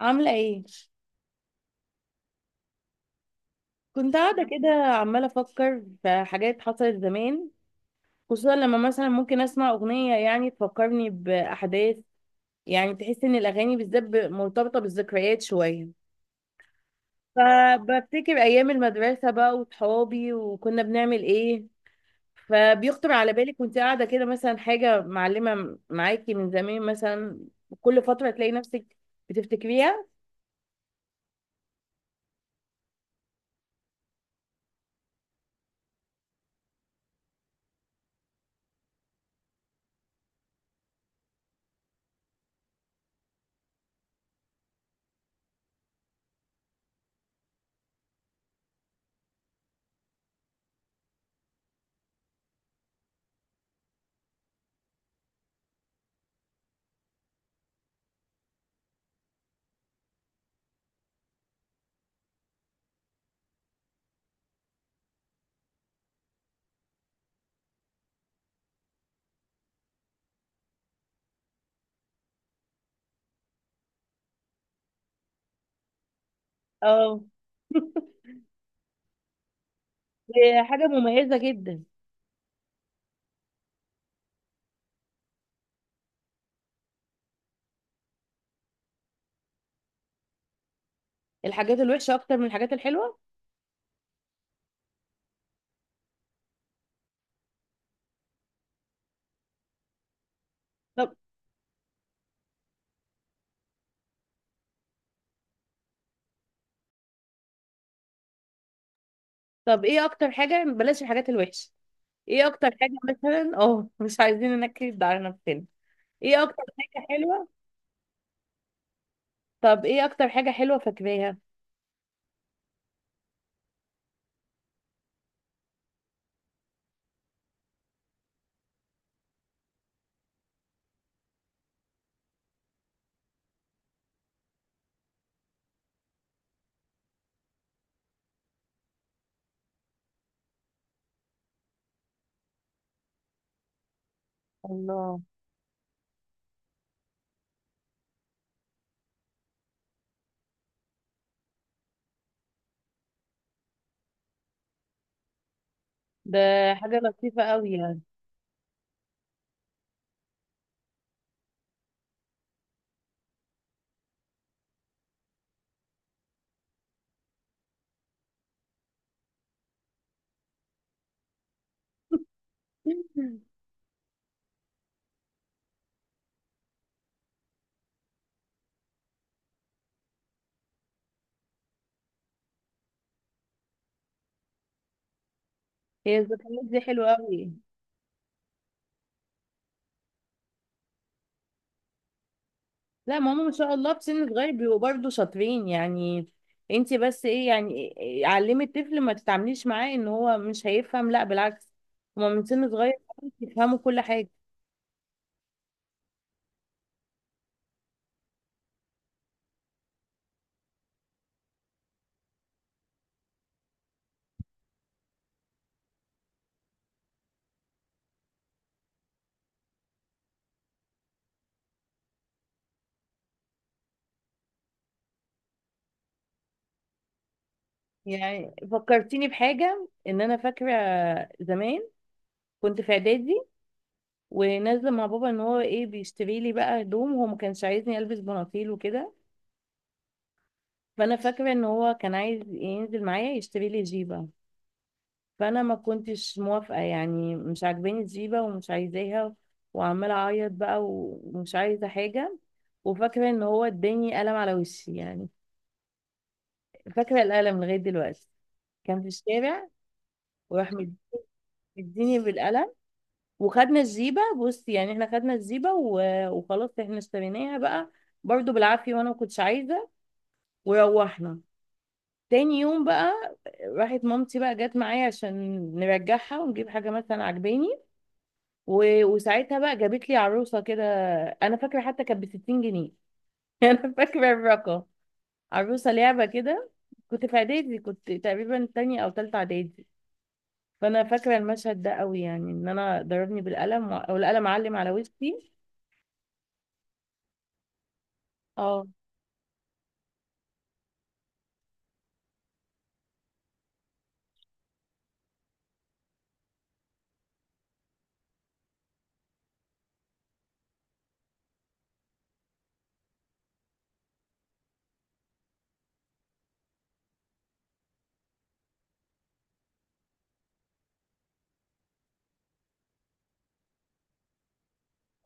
عاملة ايه؟ كنت قاعدة كده عمالة أفكر في حاجات حصلت زمان. خصوصا لما مثلا ممكن أسمع أغنية، يعني تفكرني بأحداث، يعني تحس إن الأغاني بالذات مرتبطة بالذكريات شوية. فبفتكر أيام المدرسة بقى وصحابي وكنا بنعمل ايه، فبيخطر على بالك وانت قاعدة كده مثلا حاجة معلمة معاكي من زمان مثلا. كل فترة تلاقي نفسك بتفتكريها. اه، دي حاجة مميزة جدا. الحاجات الوحشة أكتر من الحاجات الحلوة. طب طب ايه اكتر حاجة، بلاش الحاجات الوحشة. ايه اكتر حاجة مثلا اه، مش عايزين ننكد على نفسنا. ايه اكتر حاجة حلوة؟ طب ايه اكتر حاجة حلوة فاكراها؟ الله، ده حاجة لطيفة قوي يعني. هي الذكريات دي حلوة قوي. لا، ما هم ما شاء الله في سن صغير بيبقوا برضه شاطرين يعني. انت بس ايه يعني. علمي الطفل، ما تتعامليش معاه ان هو مش هيفهم، لا بالعكس، هما من سن صغير يفهموا كل حاجة. يعني فكرتيني بحاجة، ان انا فاكرة زمان كنت في اعدادي ونازلة مع بابا ان هو ايه، بيشتري لي بقى هدوم. هو ما كانش عايزني البس بناطيل وكده، فانا فاكرة ان هو كان عايز ينزل معايا يشتري لي جيبة. فانا ما كنتش موافقة، يعني مش عاجباني الجيبة ومش عايزاها، وعمالة اعيط بقى ومش عايزة حاجة. وفاكرة ان هو اداني قلم على وشي يعني. فاكرة القلم لغاية دلوقتي. كان في الشارع وراح مديني بالقلم. وخدنا الجيبة، بص يعني احنا خدنا الجيبة وخلاص احنا اشتريناها بقى برضو بالعافية، وانا ما كنتش عايزة. وروحنا تاني يوم بقى، راحت مامتي بقى، جت معايا عشان نرجعها ونجيب حاجة مثلا عجباني. وساعتها بقى جابت لي عروسة كده. انا فاكرة حتى كانت ب 60 جنيه. انا فاكرة الرقم. عروسة لعبة كده. كنت في اعدادي، كنت تقريبا تانية او تالتة اعدادي. فانا فاكرة المشهد ده قوي يعني، ان انا ضربني بالقلم والقلم علم على وشي. اه.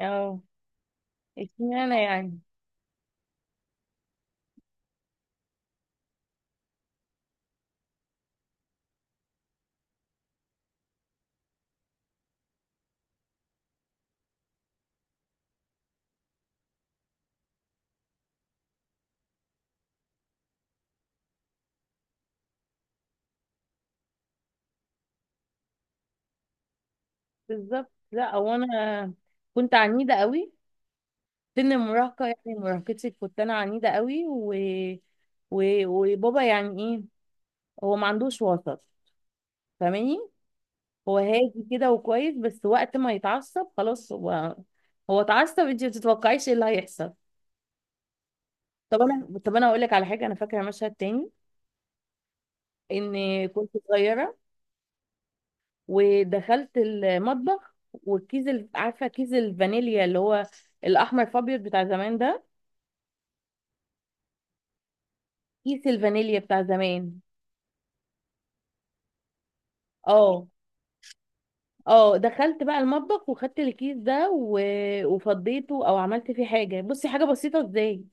اه. اشمعنى يعني؟ بالظبط. لا هو انا كنت عنيده قوي. سن المراهقه يعني، مراهقتي كنت انا عنيده قوي وبابا يعني ايه، هو ما عندوش وسط، فاهماني. هو هادي كده وكويس، بس وقت ما يتعصب خلاص، هو هو اتعصب انت ما تتوقعيش ايه اللي هيحصل. طب انا، طب انا اقول لك على حاجه انا فاكره، مشهد تاني ان كنت صغيره ودخلت المطبخ، والكيس عارفه كيس الفانيليا اللي هو الاحمر فابيض بتاع زمان ده، كيس الفانيليا بتاع زمان. اه. اه، دخلت بقى المطبخ وخدت الكيس ده وفضيته او عملت فيه حاجه، بصي حاجه بسيطه ازاي.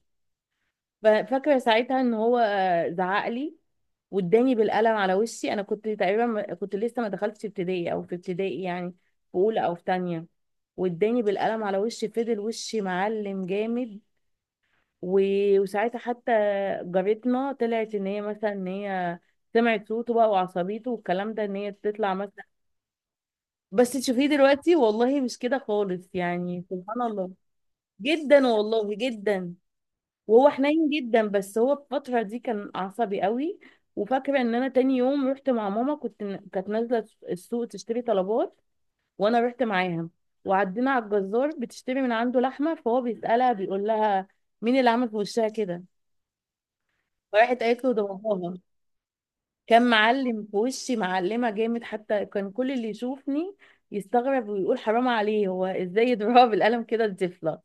فاكره ساعتها ان هو زعق لي واداني بالقلم على وشي. انا كنت تقريبا كنت لسه ما دخلتش ابتدائي او في ابتدائي يعني، في اولى او في تانية. واداني بالقلم على وشي، فضل وشي معلم جامد. وساعتها حتى جارتنا طلعت، ان هي مثلا ان هي سمعت صوته بقى وعصبيته والكلام ده، ان هي تطلع مثلا. بس تشوفيه دلوقتي والله مش كده خالص يعني، سبحان الله. جدا والله، جدا. وهو حنين جدا، بس هو في الفترة دي كان عصبي قوي. وفاكرة ان انا تاني يوم رحت مع ماما، كنت كانت نازلة السوق تشتري طلبات، وانا رحت معاها. وعدينا على الجزار بتشتري من عنده لحمة، فهو بيسألها بيقول لها مين اللي عمل في وشها كده. راحت قالت له ده باباها. كان معلم في وشي، معلمة جامد، حتى كان كل اللي يشوفني يستغرب ويقول حرام عليه، هو ازاي يضربها بالقلم كده الطفلة.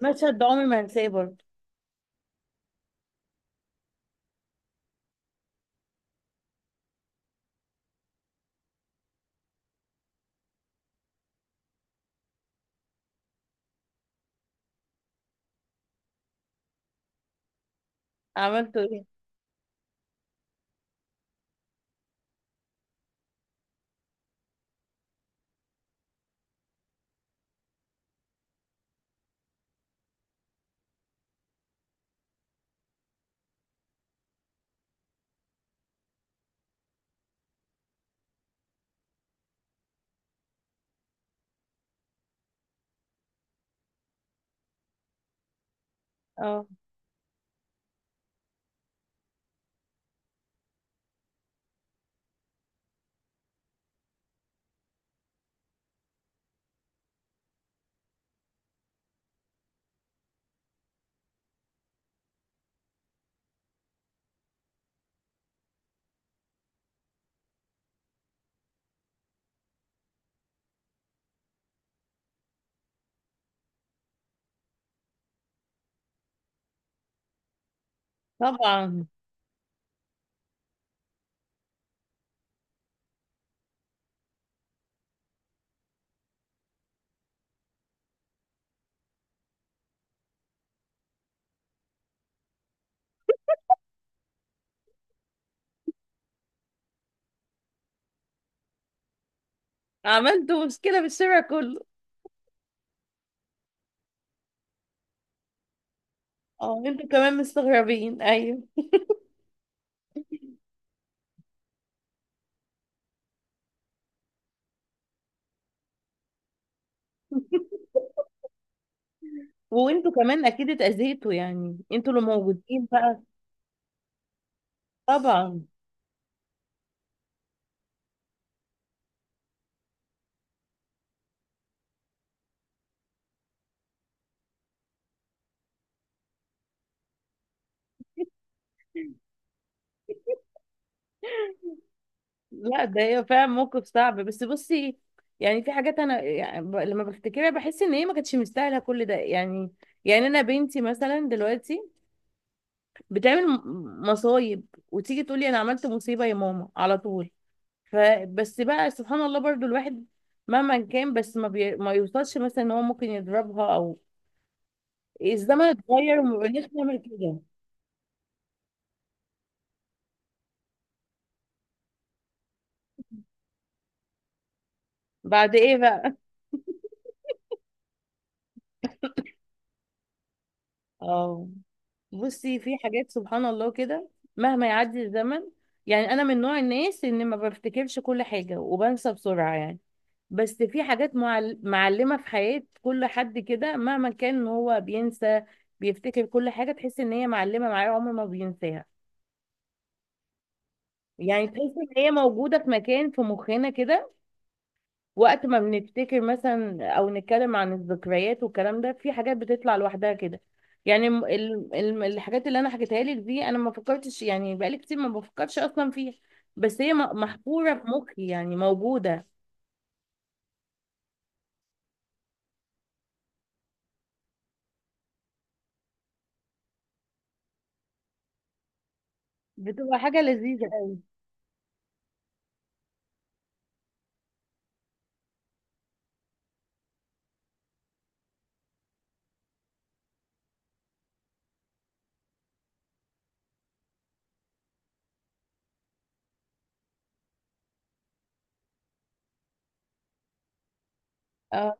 فالمشهد ده عمري ما هنساه برضه. عملته ايه؟ اه طبعا، عملته مشكلة بالشارع كله. اه، انتوا كمان مستغربين، ايوه. وانتوا كمان اكيد اتأذيتوا يعني، انتوا اللي موجودين بقى. طبعا. لا ده هي فعلا موقف صعب، بس بصي، يعني في حاجات انا يعني لما بفتكرها بحس ان هي ما كانتش مستاهله كل ده يعني. يعني انا بنتي مثلا دلوقتي بتعمل مصايب، وتيجي تقولي انا عملت مصيبه يا ماما على طول. فبس بقى سبحان الله، برضو الواحد مهما كان بس ما يوصلش مثلا ان هو ممكن يضربها، او الزمن اتغير وما بقيناش نعمل كده. بعد ايه بقى. اه، بصي في حاجات سبحان الله كده، مهما يعدي الزمن. يعني انا من نوع الناس ان ما بفتكرش كل حاجه وبنسى بسرعه يعني، بس في حاجات معلمه في حياه كل حد كده، مهما كان هو بينسى، بيفتكر كل حاجه، تحس ان هي معلمه معاه عمر ما بينساها، يعني تحس ان هي موجوده في مكان في مخنا كده. وقت ما بنفتكر مثلا او نتكلم عن الذكريات والكلام ده، في حاجات بتطلع لوحدها كده، يعني الحاجات اللي انا حكيتها لك دي انا ما فكرتش يعني، بقالي كتير ما بفكرش اصلا فيها، بس هي محفورة في مخي يعني، موجودة. بتبقى حاجة لذيذة أوي. اه.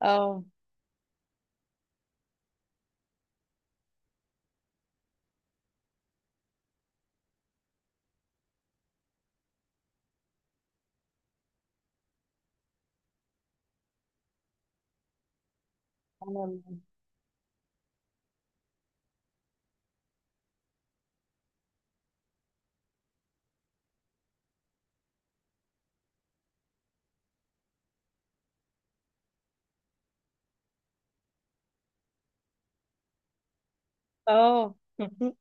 اه، سبحان الله. اه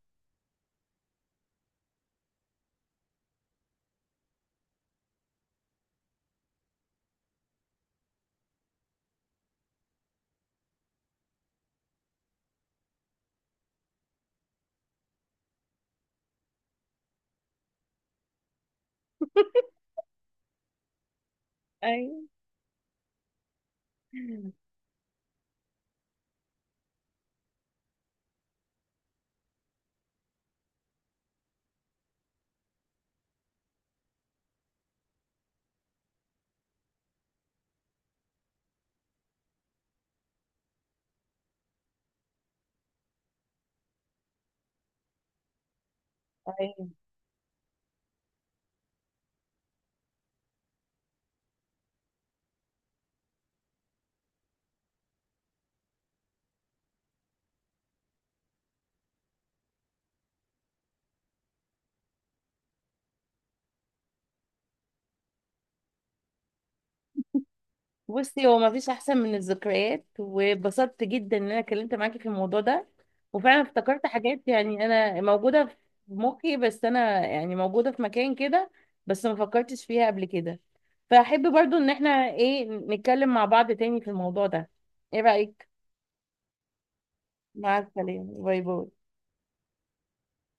ايوه. بصي هو مفيش احسن من الذكريات، واتبسطت جدا ان انا اتكلمت معاكي في الموضوع ده، وفعلا افتكرت حاجات يعني انا موجوده في مخي، بس انا يعني موجوده في مكان كده، بس ما فكرتش فيها قبل كده. فاحب برضو ان احنا ايه نتكلم مع بعض تاني في الموضوع ده. ايه رايك؟ مع السلامه، باي باي.